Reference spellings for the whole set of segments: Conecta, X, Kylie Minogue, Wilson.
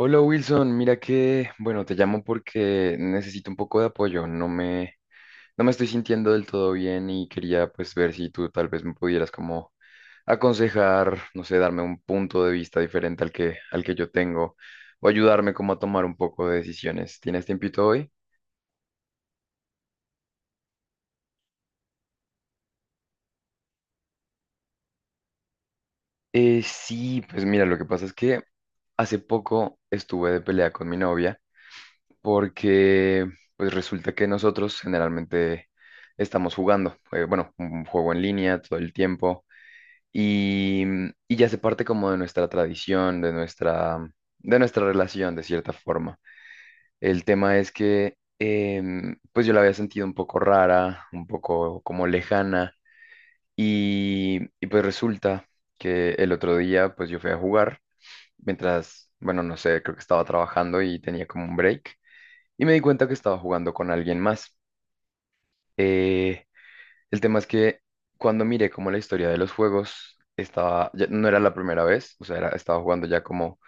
Hola Wilson, mira que, bueno, te llamo porque necesito un poco de apoyo, no me estoy sintiendo del todo bien y quería pues ver si tú tal vez me pudieras como aconsejar, no sé, darme un punto de vista diferente al que yo tengo o ayudarme como a tomar un poco de decisiones. ¿Tienes tiempito hoy? Sí, pues mira, lo que pasa es que hace poco estuve de pelea con mi novia porque pues resulta que nosotros generalmente estamos jugando, bueno, un juego en línea todo el tiempo y, y ya se parte como de nuestra tradición, de nuestra relación de cierta forma. El tema es que pues yo la había sentido un poco rara, un poco como lejana y pues resulta que el otro día pues yo fui a jugar mientras, bueno, no sé, creo que estaba trabajando y tenía como un break y me di cuenta que estaba jugando con alguien más. Eh, el tema es que cuando miré como la historia de los juegos, estaba, ya no era la primera vez, o sea, estaba jugando ya como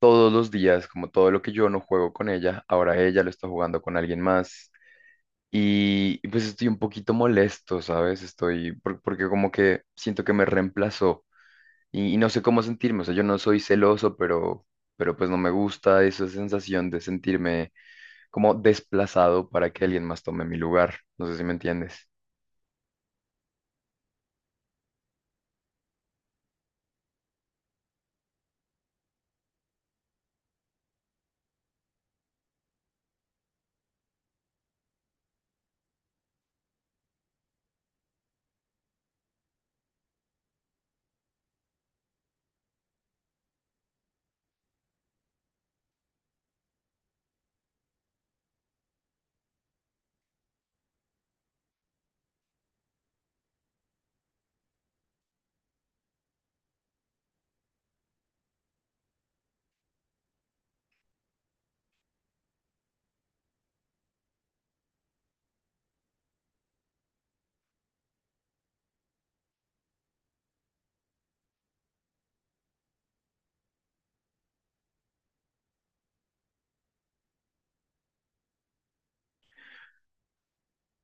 todos los días, como todo lo que yo no juego con ella, ahora ella lo está jugando con alguien más. Y pues estoy un poquito molesto, ¿sabes? Estoy, porque como que siento que me reemplazó y no sé cómo sentirme, o sea, yo no soy celoso, pero pues no me gusta esa sensación de sentirme como desplazado para que alguien más tome mi lugar. No sé si me entiendes.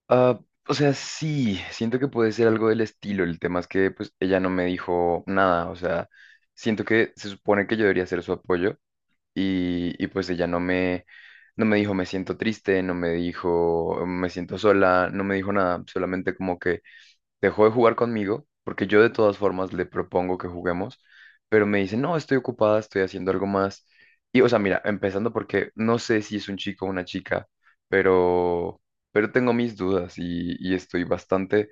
Ah, o sea, sí, siento que puede ser algo del estilo. El tema es que pues ella no me dijo nada. O sea, siento que se supone que yo debería ser su apoyo y pues ella no me, no me dijo me siento triste, no me dijo me siento sola, no me dijo nada. Solamente como que dejó de jugar conmigo, porque yo de todas formas le propongo que juguemos, pero me dice, no, estoy ocupada, estoy haciendo algo más. Y, o sea, mira, empezando porque no sé si es un chico o una chica, pero, pero tengo mis dudas y estoy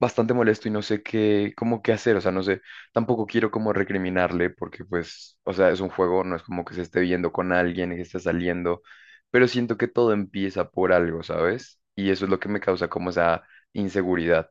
bastante molesto y no sé qué, cómo qué hacer, o sea, no sé, tampoco quiero como recriminarle porque, pues, o sea, es un juego, no es como que se esté viendo con alguien, que esté saliendo, pero siento que todo empieza por algo, ¿sabes? Y eso es lo que me causa como esa inseguridad.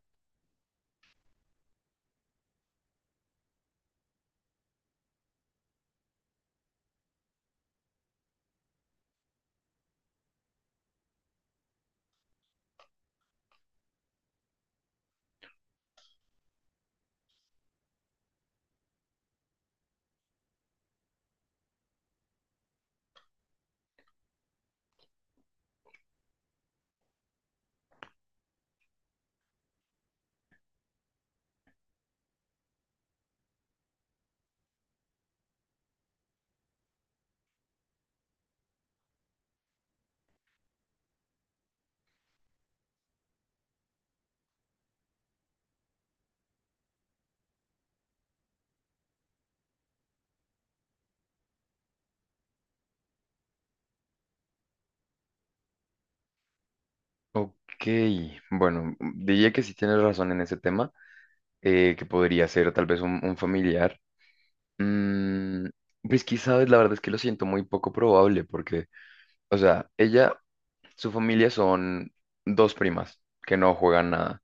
Ok, bueno, diría que sí tienes razón en ese tema, que podría ser tal vez un familiar. Mm, pues quizás la verdad es que lo siento muy poco probable, porque, o sea, ella, su familia son dos primas que no juegan nada,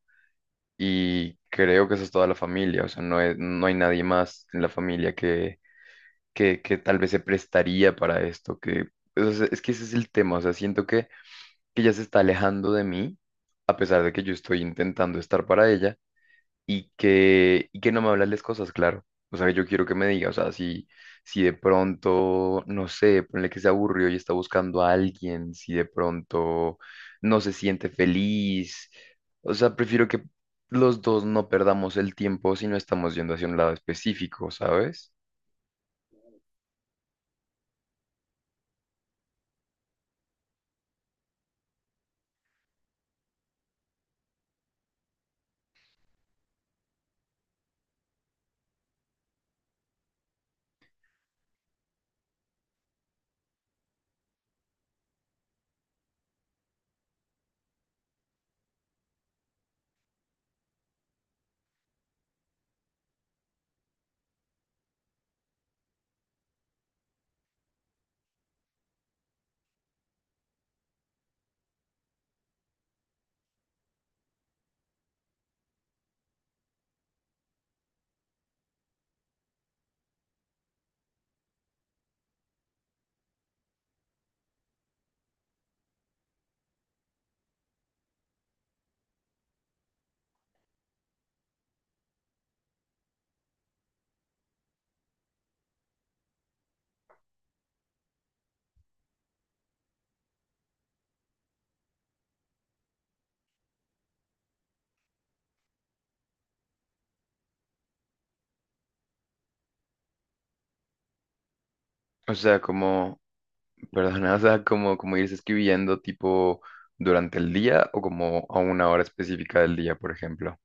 y creo que esa es toda la familia, o sea, no, no hay nadie más en la familia que, que tal vez se prestaría para esto, que, o sea, es que ese es el tema, o sea, siento que ella se está alejando de mí, a pesar de que yo estoy intentando estar para ella, y que no me habla las cosas, claro. O sea, que yo quiero que me diga, o sea, si de pronto, no sé, ponle que se aburrió y está buscando a alguien, si de pronto no se siente feliz, o sea, prefiero que los dos no perdamos el tiempo si no estamos yendo hacia un lado específico, ¿sabes? O sea, como... Perdona, o sea, como irse escribiendo tipo durante el día o como a una hora específica del día, por ejemplo.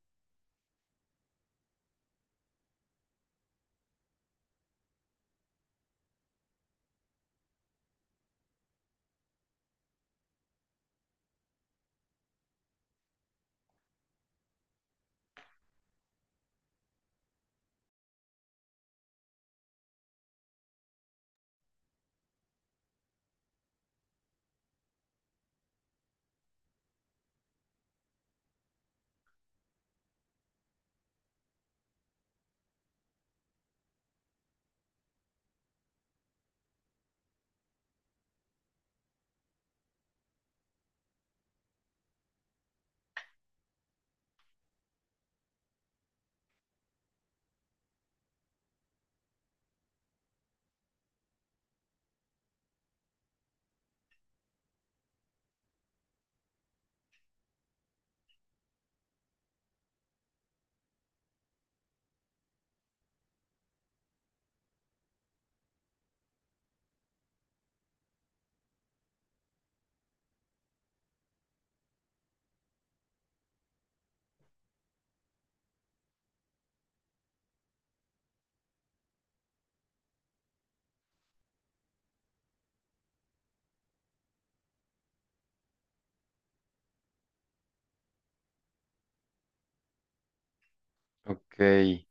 Ok,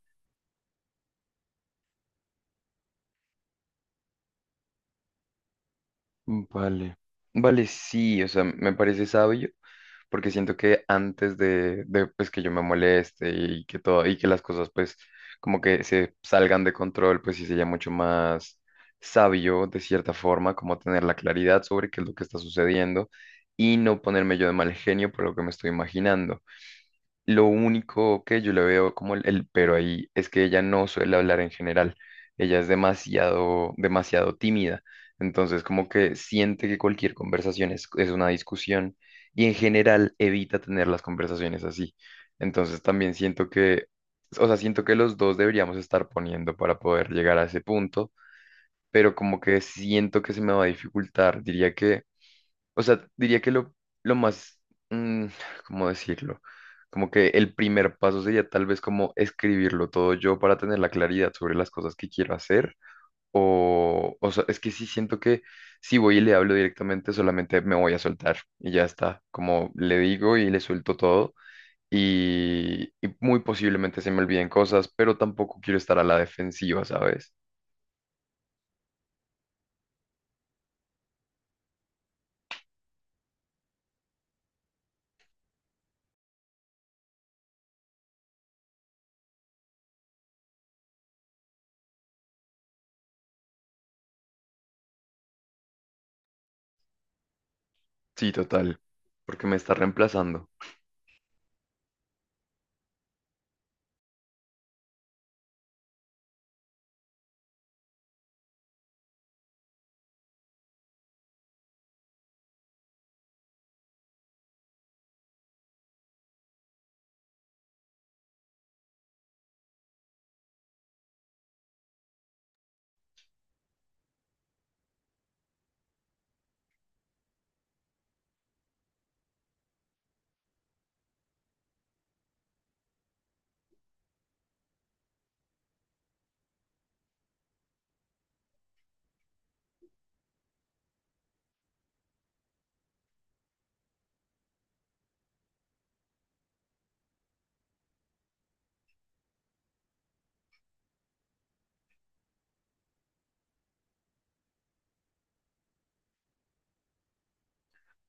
vale. Vale, sí, o sea, me parece sabio porque siento que antes de pues que yo me moleste y que todo y que las cosas pues como que se salgan de control, pues sí sería mucho más sabio de cierta forma como tener la claridad sobre qué es lo que está sucediendo y no ponerme yo de mal genio por lo que me estoy imaginando. Lo único que yo le veo como el pero ahí es que ella no suele hablar en general. Ella es demasiado tímida. Entonces, como que siente que cualquier conversación es una discusión y en general evita tener las conversaciones así. Entonces, también siento que, o sea, siento que los dos deberíamos estar poniendo para poder llegar a ese punto, pero como que siento que se me va a dificultar. Diría que o sea, diría que lo más, mm, ¿cómo decirlo? Como que el primer paso sería tal vez como escribirlo todo yo para tener la claridad sobre las cosas que quiero hacer. O sea, es que sí siento que si voy y le hablo directamente, solamente me voy a soltar y ya está. Como le digo y le suelto todo. Y muy posiblemente se me olviden cosas, pero tampoco quiero estar a la defensiva, ¿sabes? Sí, total, porque me está reemplazando.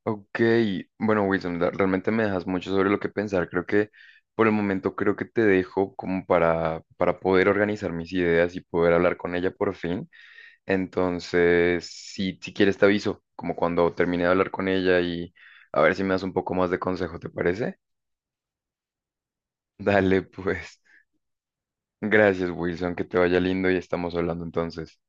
Ok, bueno, Wilson, realmente me dejas mucho sobre lo que pensar. Creo que por el momento creo que te dejo como para poder organizar mis ideas y poder hablar con ella por fin. Entonces, si quieres te aviso, como cuando termine de hablar con ella y a ver si me das un poco más de consejo, ¿te parece? Dale, pues. Gracias, Wilson, que te vaya lindo y estamos hablando entonces.